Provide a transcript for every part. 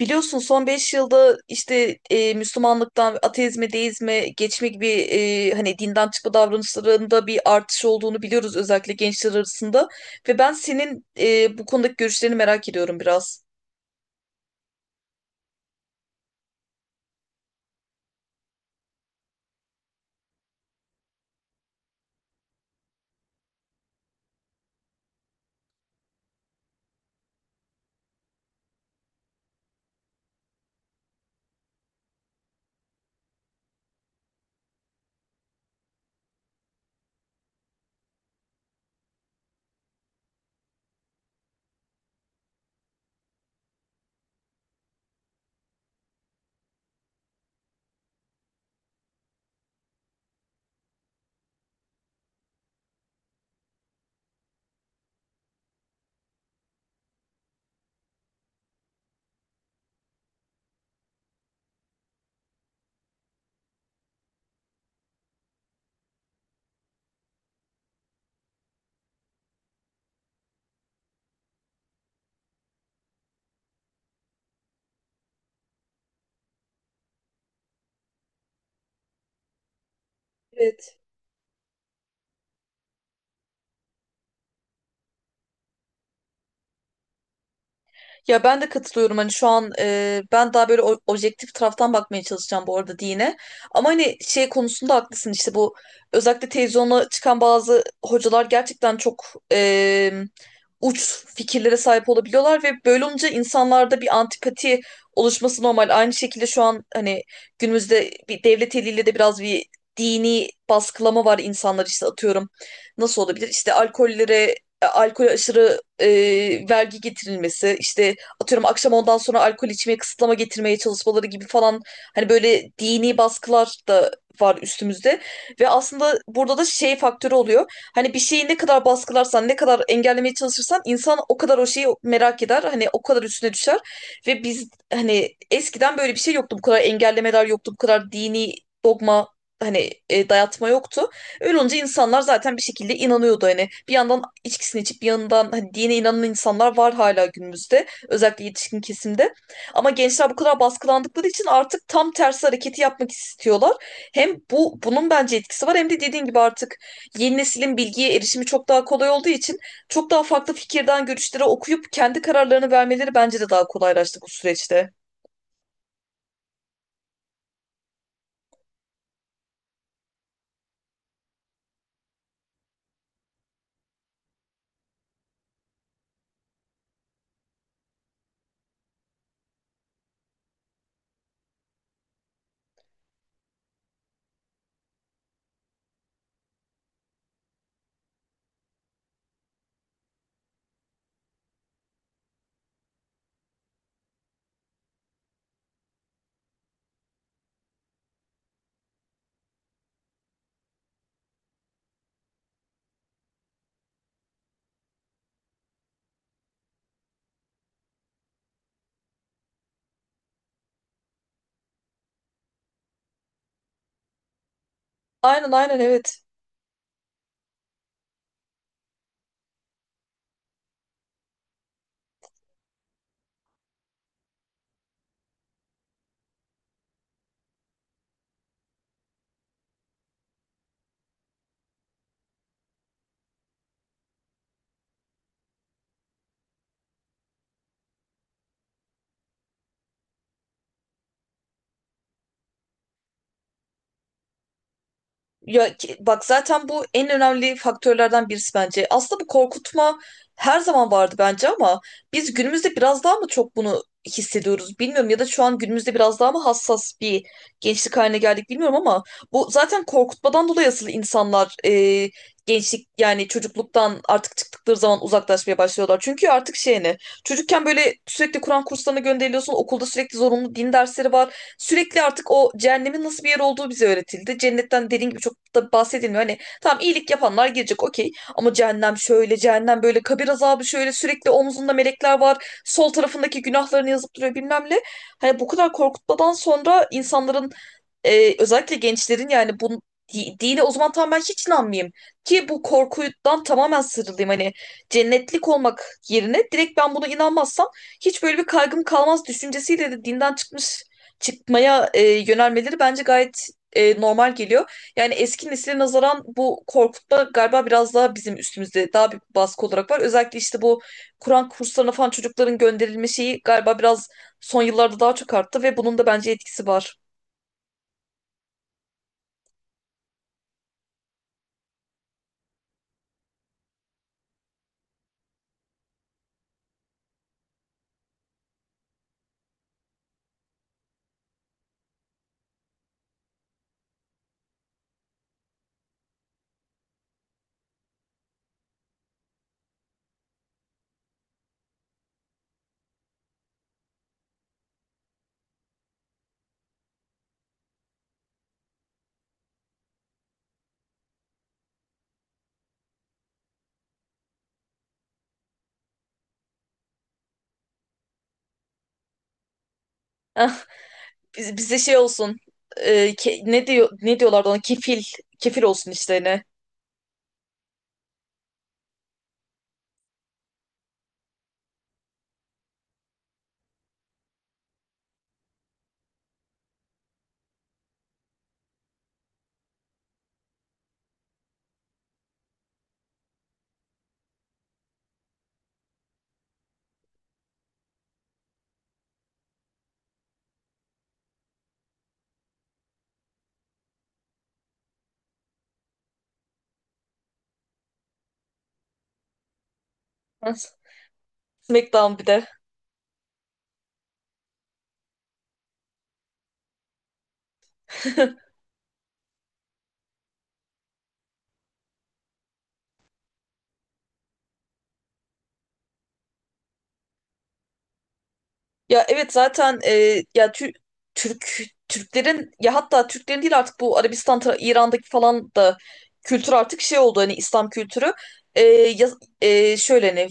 Biliyorsun son 5 yılda işte Müslümanlıktan ateizme, deizme geçme gibi hani dinden çıkma davranışlarında bir artış olduğunu biliyoruz, özellikle gençler arasında. Ve ben senin bu konudaki görüşlerini merak ediyorum biraz. Evet. Ya ben de katılıyorum, hani şu an ben daha böyle objektif taraftan bakmaya çalışacağım bu arada dine. Ama hani şey konusunda haklısın, işte bu özellikle televizyona çıkan bazı hocalar gerçekten çok e, uç fikirlere sahip olabiliyorlar ve böyle olunca insanlarda bir antipati oluşması normal. Aynı şekilde şu an hani günümüzde bir devlet eliyle de biraz bir dini baskılama var, insanlar işte atıyorum. Nasıl olabilir? İşte alkollere alkol aşırı vergi getirilmesi, işte atıyorum akşam ondan sonra alkol içmeye kısıtlama getirmeye çalışmaları gibi falan, hani böyle dini baskılar da var üstümüzde ve aslında burada da şey faktörü oluyor. Hani bir şeyi ne kadar baskılarsan, ne kadar engellemeye çalışırsan insan o kadar o şeyi merak eder. Hani o kadar üstüne düşer ve biz hani eskiden böyle bir şey yoktu. Bu kadar engellemeler yoktu. Bu kadar dini dogma, hani dayatma yoktu. Öyle olunca insanlar zaten bir şekilde inanıyordu hani. Bir yandan içkisini içip bir yandan hani dine inanan insanlar var hala günümüzde. Özellikle yetişkin kesimde. Ama gençler bu kadar baskılandıkları için artık tam tersi hareketi yapmak istiyorlar. Hem bunun bence etkisi var, hem de dediğin gibi artık yeni neslin bilgiye erişimi çok daha kolay olduğu için çok daha farklı fikirden görüşlere okuyup kendi kararlarını vermeleri bence de daha kolaylaştı bu süreçte. Aynen, aynen, evet. Ya bak zaten bu en önemli faktörlerden birisi bence. Aslında bu korkutma her zaman vardı bence ama biz günümüzde biraz daha mı çok bunu hissediyoruz bilmiyorum, ya da şu an günümüzde biraz daha mı hassas bir gençlik haline geldik bilmiyorum ama bu zaten korkutmadan dolayı asıl insanlar, gençlik yani çocukluktan artık çıktıkları zaman uzaklaşmaya başlıyorlar. Çünkü artık şey ne, çocukken böyle sürekli Kur'an kurslarına gönderiliyorsun, okulda sürekli zorunlu din dersleri var. Sürekli artık o cehennemin nasıl bir yer olduğu bize öğretildi. Cennetten dediğin gibi çok da bahsedilmiyor. Hani tamam, iyilik yapanlar girecek, okey. Ama cehennem şöyle, cehennem böyle, kabir azabı şöyle, sürekli omzunda melekler var. Sol tarafındaki günahlarını yazıp duruyor bilmem ne. Hani bu kadar korkutmadan sonra insanların, özellikle gençlerin yani bu dine o zaman tam ben hiç inanmayayım. Ki bu korkudan tamamen sıyrılayım. Hani cennetlik olmak yerine direkt ben buna inanmazsam hiç böyle bir kaygım kalmaz düşüncesiyle de dinden çıkmaya yönelmeleri bence gayet normal geliyor. Yani eski nesile nazaran bu korkutma galiba biraz daha bizim üstümüzde daha bir baskı olarak var. Özellikle işte bu Kur'an kurslarına falan çocukların gönderilme şeyi galiba biraz son yıllarda daha çok arttı ve bunun da bence etkisi var. Ah, bize şey olsun. Ne diyor, ne diyorlardı ona? Kefil. Kefil olsun işlerine. Ah, Smackdown bir de. Ya evet zaten ya Türk Türklerin, ya hatta Türklerin değil artık, bu Arabistan İran'daki falan da kültür artık şey oldu, hani İslam kültürü. E, ya- Şöyle hani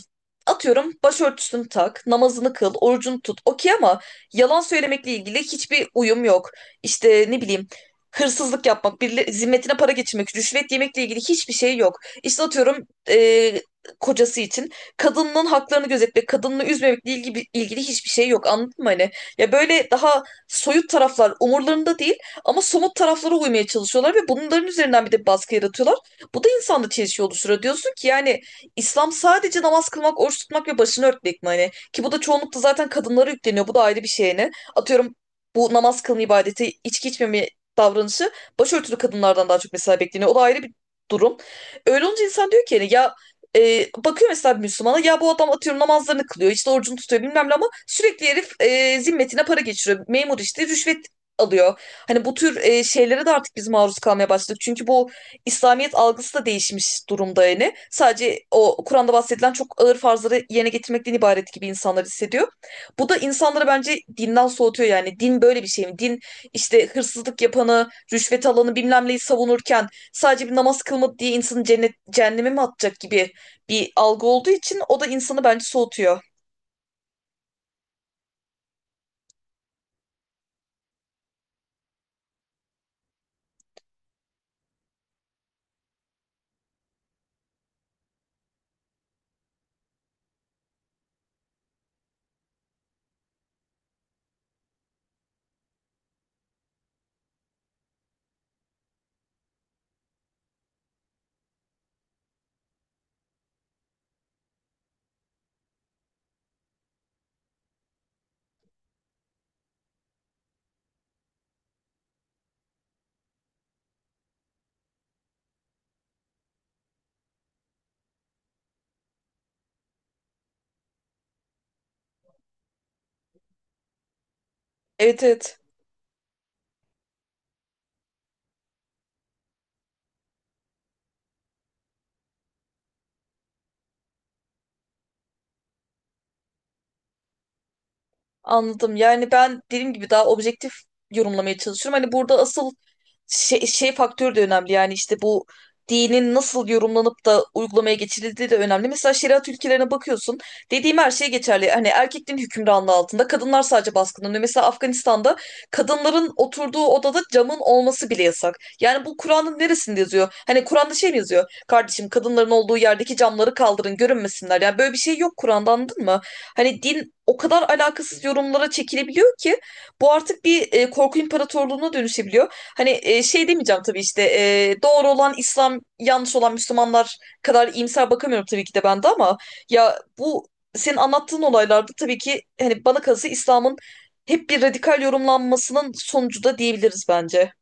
atıyorum, başörtüsünü tak, namazını kıl, orucunu tut. Okey ama yalan söylemekle ilgili hiçbir uyum yok. İşte ne bileyim, hırsızlık yapmak, zimmetine para geçirmek, rüşvet yemekle ilgili hiçbir şey yok. İşte atıyorum kocası için kadının haklarını gözetmek, kadını üzmemekle ilgili hiçbir şey yok. Anladın mı hani? Ya böyle daha soyut taraflar umurlarında değil ama somut taraflara uymaya çalışıyorlar ve bunların üzerinden bir de baskı yaratıyorlar. Bu da insanda çelişki oluşturuyor. Diyorsun ki yani İslam sadece namaz kılmak, oruç tutmak ve başını örtmek mi hani? Ki bu da çoğunlukla zaten kadınlara yükleniyor. Bu da ayrı bir şey hani. Atıyorum bu namaz kılma ibadeti, içki içmeme davranışı başörtülü kadınlardan daha çok mesela bekleniyor. O da ayrı bir durum. Öyle olunca insan diyor ki yani ya, bakıyor mesela bir Müslümana, ya bu adam atıyorum namazlarını kılıyor, işte orucunu tutuyor, bilmem ne, ama sürekli herif zimmetine para geçiriyor. Memur, işte rüşvet alıyor. Hani bu tür şeylere de artık biz maruz kalmaya başladık. Çünkü bu İslamiyet algısı da değişmiş durumda yani. Sadece o Kur'an'da bahsedilen çok ağır farzları yerine getirmekten ibaret gibi insanlar hissediyor. Bu da insanları bence dinden soğutuyor yani. Din böyle bir şey mi? Din işte hırsızlık yapanı, rüşvet alanı, bilmem neyi savunurken sadece bir namaz kılmadı diye insanı cennet, cehenneme mi atacak gibi bir algı olduğu için, o da insanı bence soğutuyor. Evet, evet. Anladım. Yani ben dediğim gibi daha objektif yorumlamaya çalışıyorum. Hani burada asıl şey faktörü de önemli. Yani işte bu dinin nasıl yorumlanıp da uygulamaya geçirildiği de önemli. Mesela şeriat ülkelerine bakıyorsun. Dediğim her şey geçerli. Hani erkeklerin hükümranlığı altında. Kadınlar sadece baskınlanıyor. Mesela Afganistan'da kadınların oturduğu odada camın olması bile yasak. Yani bu Kur'an'ın neresinde yazıyor? Hani Kur'an'da şey mi yazıyor? Kardeşim, kadınların olduğu yerdeki camları kaldırın, görünmesinler. Yani böyle bir şey yok Kur'an'da, anladın mı? Hani din o kadar alakasız yorumlara çekilebiliyor ki bu artık bir korku imparatorluğuna dönüşebiliyor. Hani şey demeyeceğim tabii, işte doğru olan İslam, yanlış olan Müslümanlar kadar iyimser bakamıyorum tabii ki de ben de ama, ya bu senin anlattığın olaylarda tabii ki hani bana kalırsa İslam'ın hep bir radikal yorumlanmasının sonucu da diyebiliriz bence.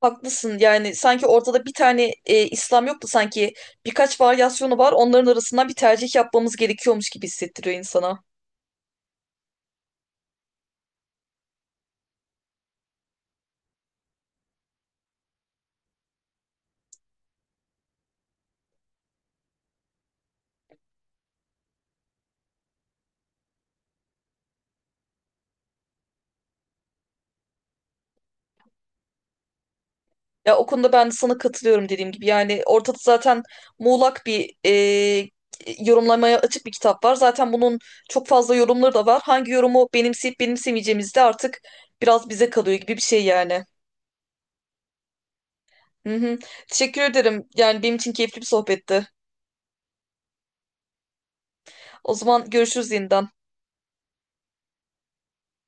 Haklısın, yani sanki ortada bir tane İslam yok da sanki birkaç varyasyonu var, onların arasından bir tercih yapmamız gerekiyormuş gibi hissettiriyor insana. Ya o konuda ben de sana katılıyorum, dediğim gibi yani ortada zaten muğlak bir yorumlamaya açık bir kitap var. Zaten bunun çok fazla yorumları da var. Hangi yorumu benimseyip benimsemeyeceğimiz de artık biraz bize kalıyor gibi bir şey yani. Hı hı. Teşekkür ederim, yani benim için keyifli bir sohbetti. O zaman görüşürüz yeniden.